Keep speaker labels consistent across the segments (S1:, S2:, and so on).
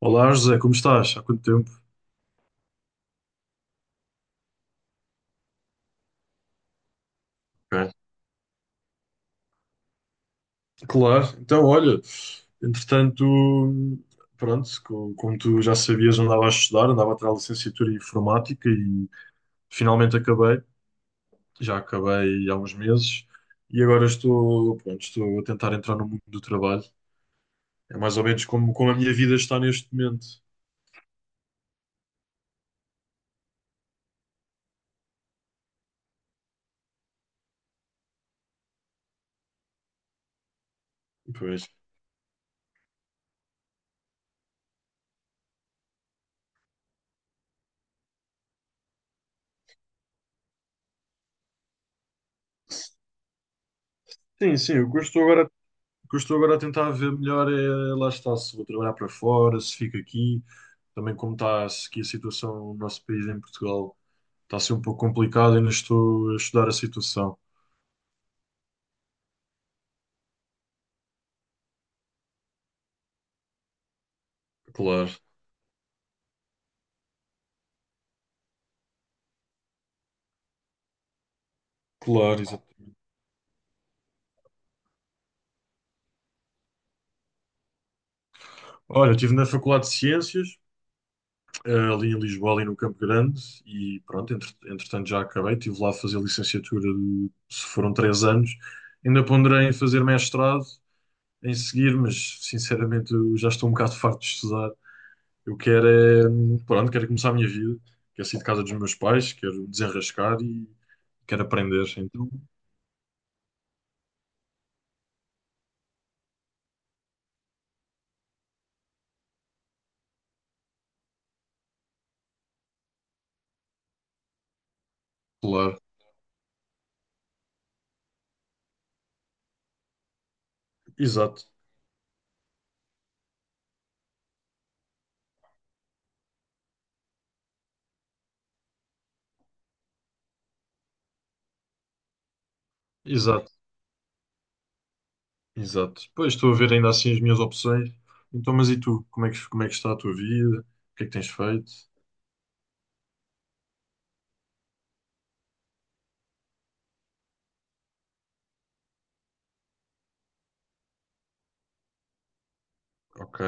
S1: Olá, José, como estás? Há quanto tempo? Ok. Claro, então olha, entretanto, pronto, como tu já sabias, andava a estudar, andava a tirar a licenciatura em informática e finalmente acabei, já acabei há uns meses e agora estou, pronto, estou a tentar entrar no mundo do trabalho. É mais ou menos como, como a minha vida está neste momento. Pois. Sim, sim, o que eu estou agora a tentar ver melhor é lá está, se vou trabalhar para fora, se fico aqui, também como está aqui a situação no nosso país em Portugal, está a ser um pouco complicado, e ainda estou a estudar a situação. Claro. Claro, exato. Olha, eu estive na Faculdade de Ciências, ali em Lisboa, ali no Campo Grande, e pronto, entretanto já acabei, estive lá a fazer licenciatura, de, se foram três anos. Ainda ponderei em fazer mestrado em seguir, mas sinceramente eu já estou um bocado farto de estudar. Eu quero é, pronto, quero é começar a minha vida, quero sair de casa dos meus pais, quero desenrascar e quero aprender. Então, claro. Exato, exato, exato. Pois estou a ver ainda assim as minhas opções. Então, mas e tu? Como é que está a tua vida? O que é que tens feito? Ok,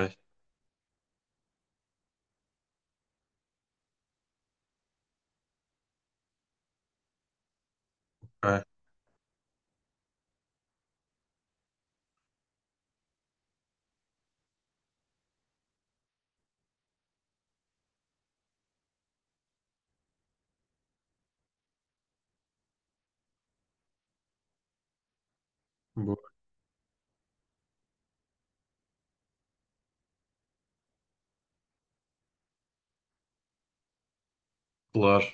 S1: ok, boa, claro.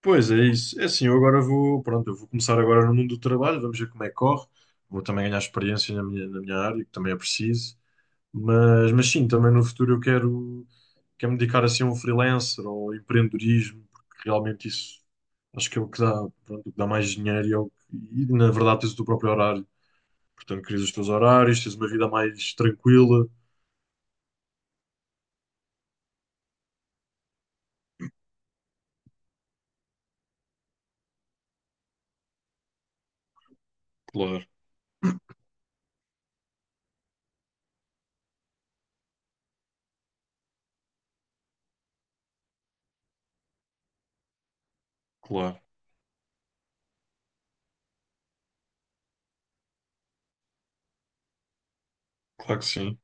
S1: Pois é isso. É assim, eu agora vou, pronto, eu vou começar agora no mundo do trabalho, vamos ver como é que corre. Vou também ganhar experiência na minha área, que também é preciso. Mas sim, também no futuro eu quero, quero me dedicar assim a um freelancer ou empreendedorismo, porque realmente isso acho que é o que dá, pronto, o que dá mais dinheiro e, na verdade tens o teu próprio horário. Portanto, crias os teus horários, tens uma vida mais tranquila. Claro, claro, claro que sim.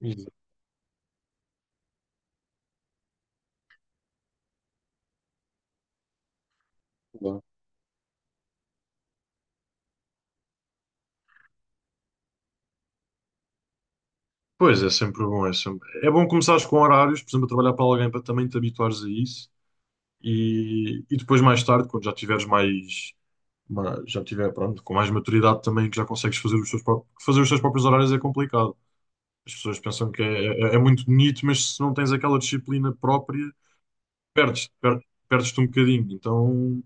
S1: Exato, claro. Pois é, sempre bom, é sempre. É bom começares com horários, por exemplo, a trabalhar para alguém para também te habituares a isso. E depois, mais tarde, quando já tiveres mais pronto, com mais maturidade também, que já consegues fazer os teus, fazer os teus próprios horários é complicado. As pessoas pensam que é, é, é muito bonito, mas se não tens aquela disciplina própria, perdes, per, perdes-te um bocadinho. Então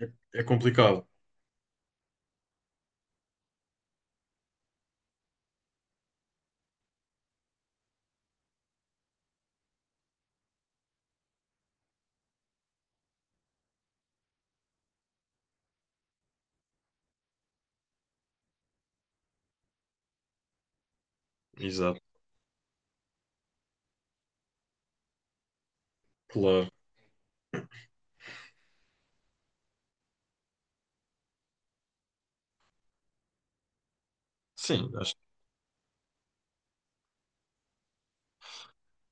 S1: é, é complicado. Exato, claro. Sim, acho,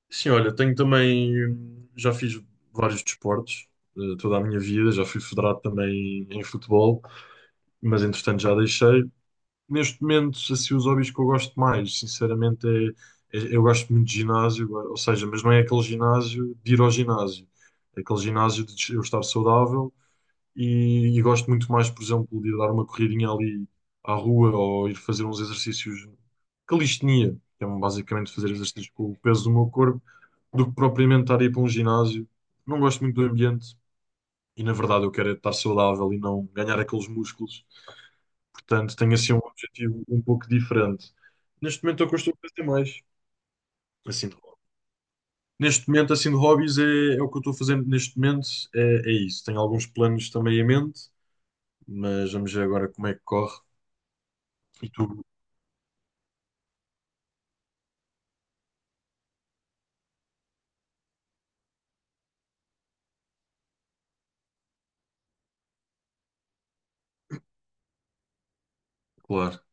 S1: sim, olha, tenho também, já fiz vários desportos. Toda a minha vida, já fui federado também em futebol, mas entretanto já deixei. Neste momento, assim, os hobbies que eu gosto mais, sinceramente, eu gosto muito de ginásio, ou seja, mas não é aquele ginásio de ir ao ginásio, é aquele ginásio de eu estar saudável e gosto muito mais, por exemplo, de ir dar uma corridinha ali à rua ou ir fazer uns exercícios, calistenia, que é um, basicamente fazer exercícios com o peso do meu corpo, do que propriamente estar a ir para um ginásio. Não gosto muito do ambiente e, na verdade, eu quero é estar saudável e não ganhar aqueles músculos. Portanto, tenho assim um objetivo um pouco diferente. Neste momento é o que eu estou a fazer mais. Assim, de hobby. Neste momento, assim, de hobbies é, é o que eu estou fazendo neste momento, é, é isso. Tenho alguns planos também em mente, mas vamos ver agora como é que corre. E tu, claro,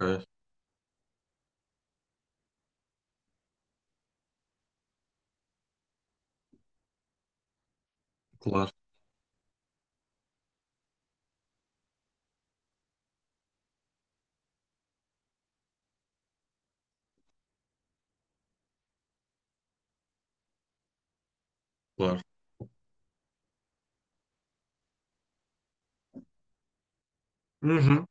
S1: é, claro, claro. Uhum.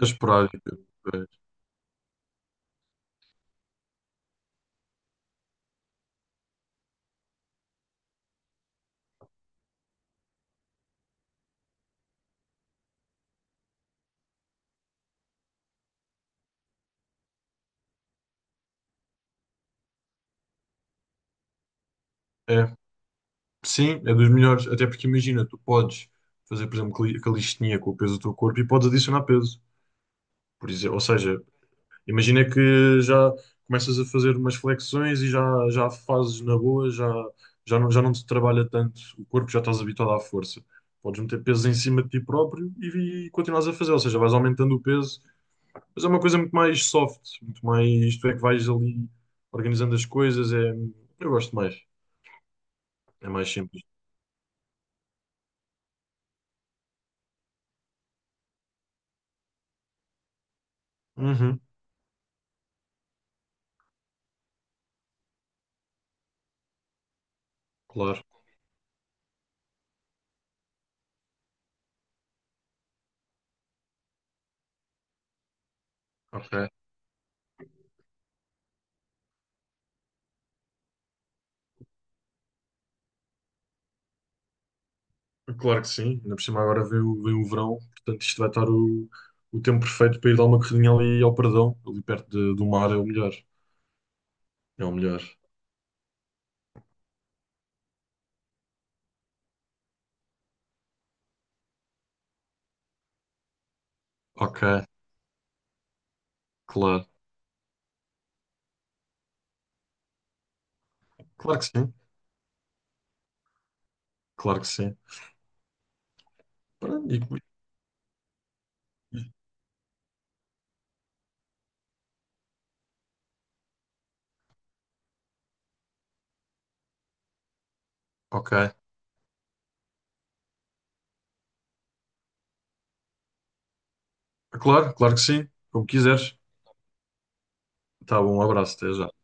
S1: É esperar. É, é. Sim, é dos melhores, até porque imagina, tu podes fazer, por exemplo, calistenia com o peso do teu corpo e podes adicionar peso. Por exemplo, ou seja, imagina que já começas a fazer umas flexões e já, já fazes na boa, já, já não te trabalha tanto o corpo, já estás habituado à força. Podes meter peso em cima de ti próprio e continuas a fazer, ou seja, vais aumentando o peso, mas é uma coisa muito mais soft, muito mais, isto é que vais ali organizando as coisas, é, eu gosto mais, é mais simples. Uhum, claro, ok. Claro que sim, ainda por cima agora vem o, vem o verão, portanto isto vai estar o tempo perfeito para ir dar uma corridinha ali ao Perdão, ali do mar é o melhor. É o melhor. Ok, claro. Claro que sim, claro que sim. Pronto, e- ok, claro, claro que sim, como quiseres. Tá bom, um abraço, até já.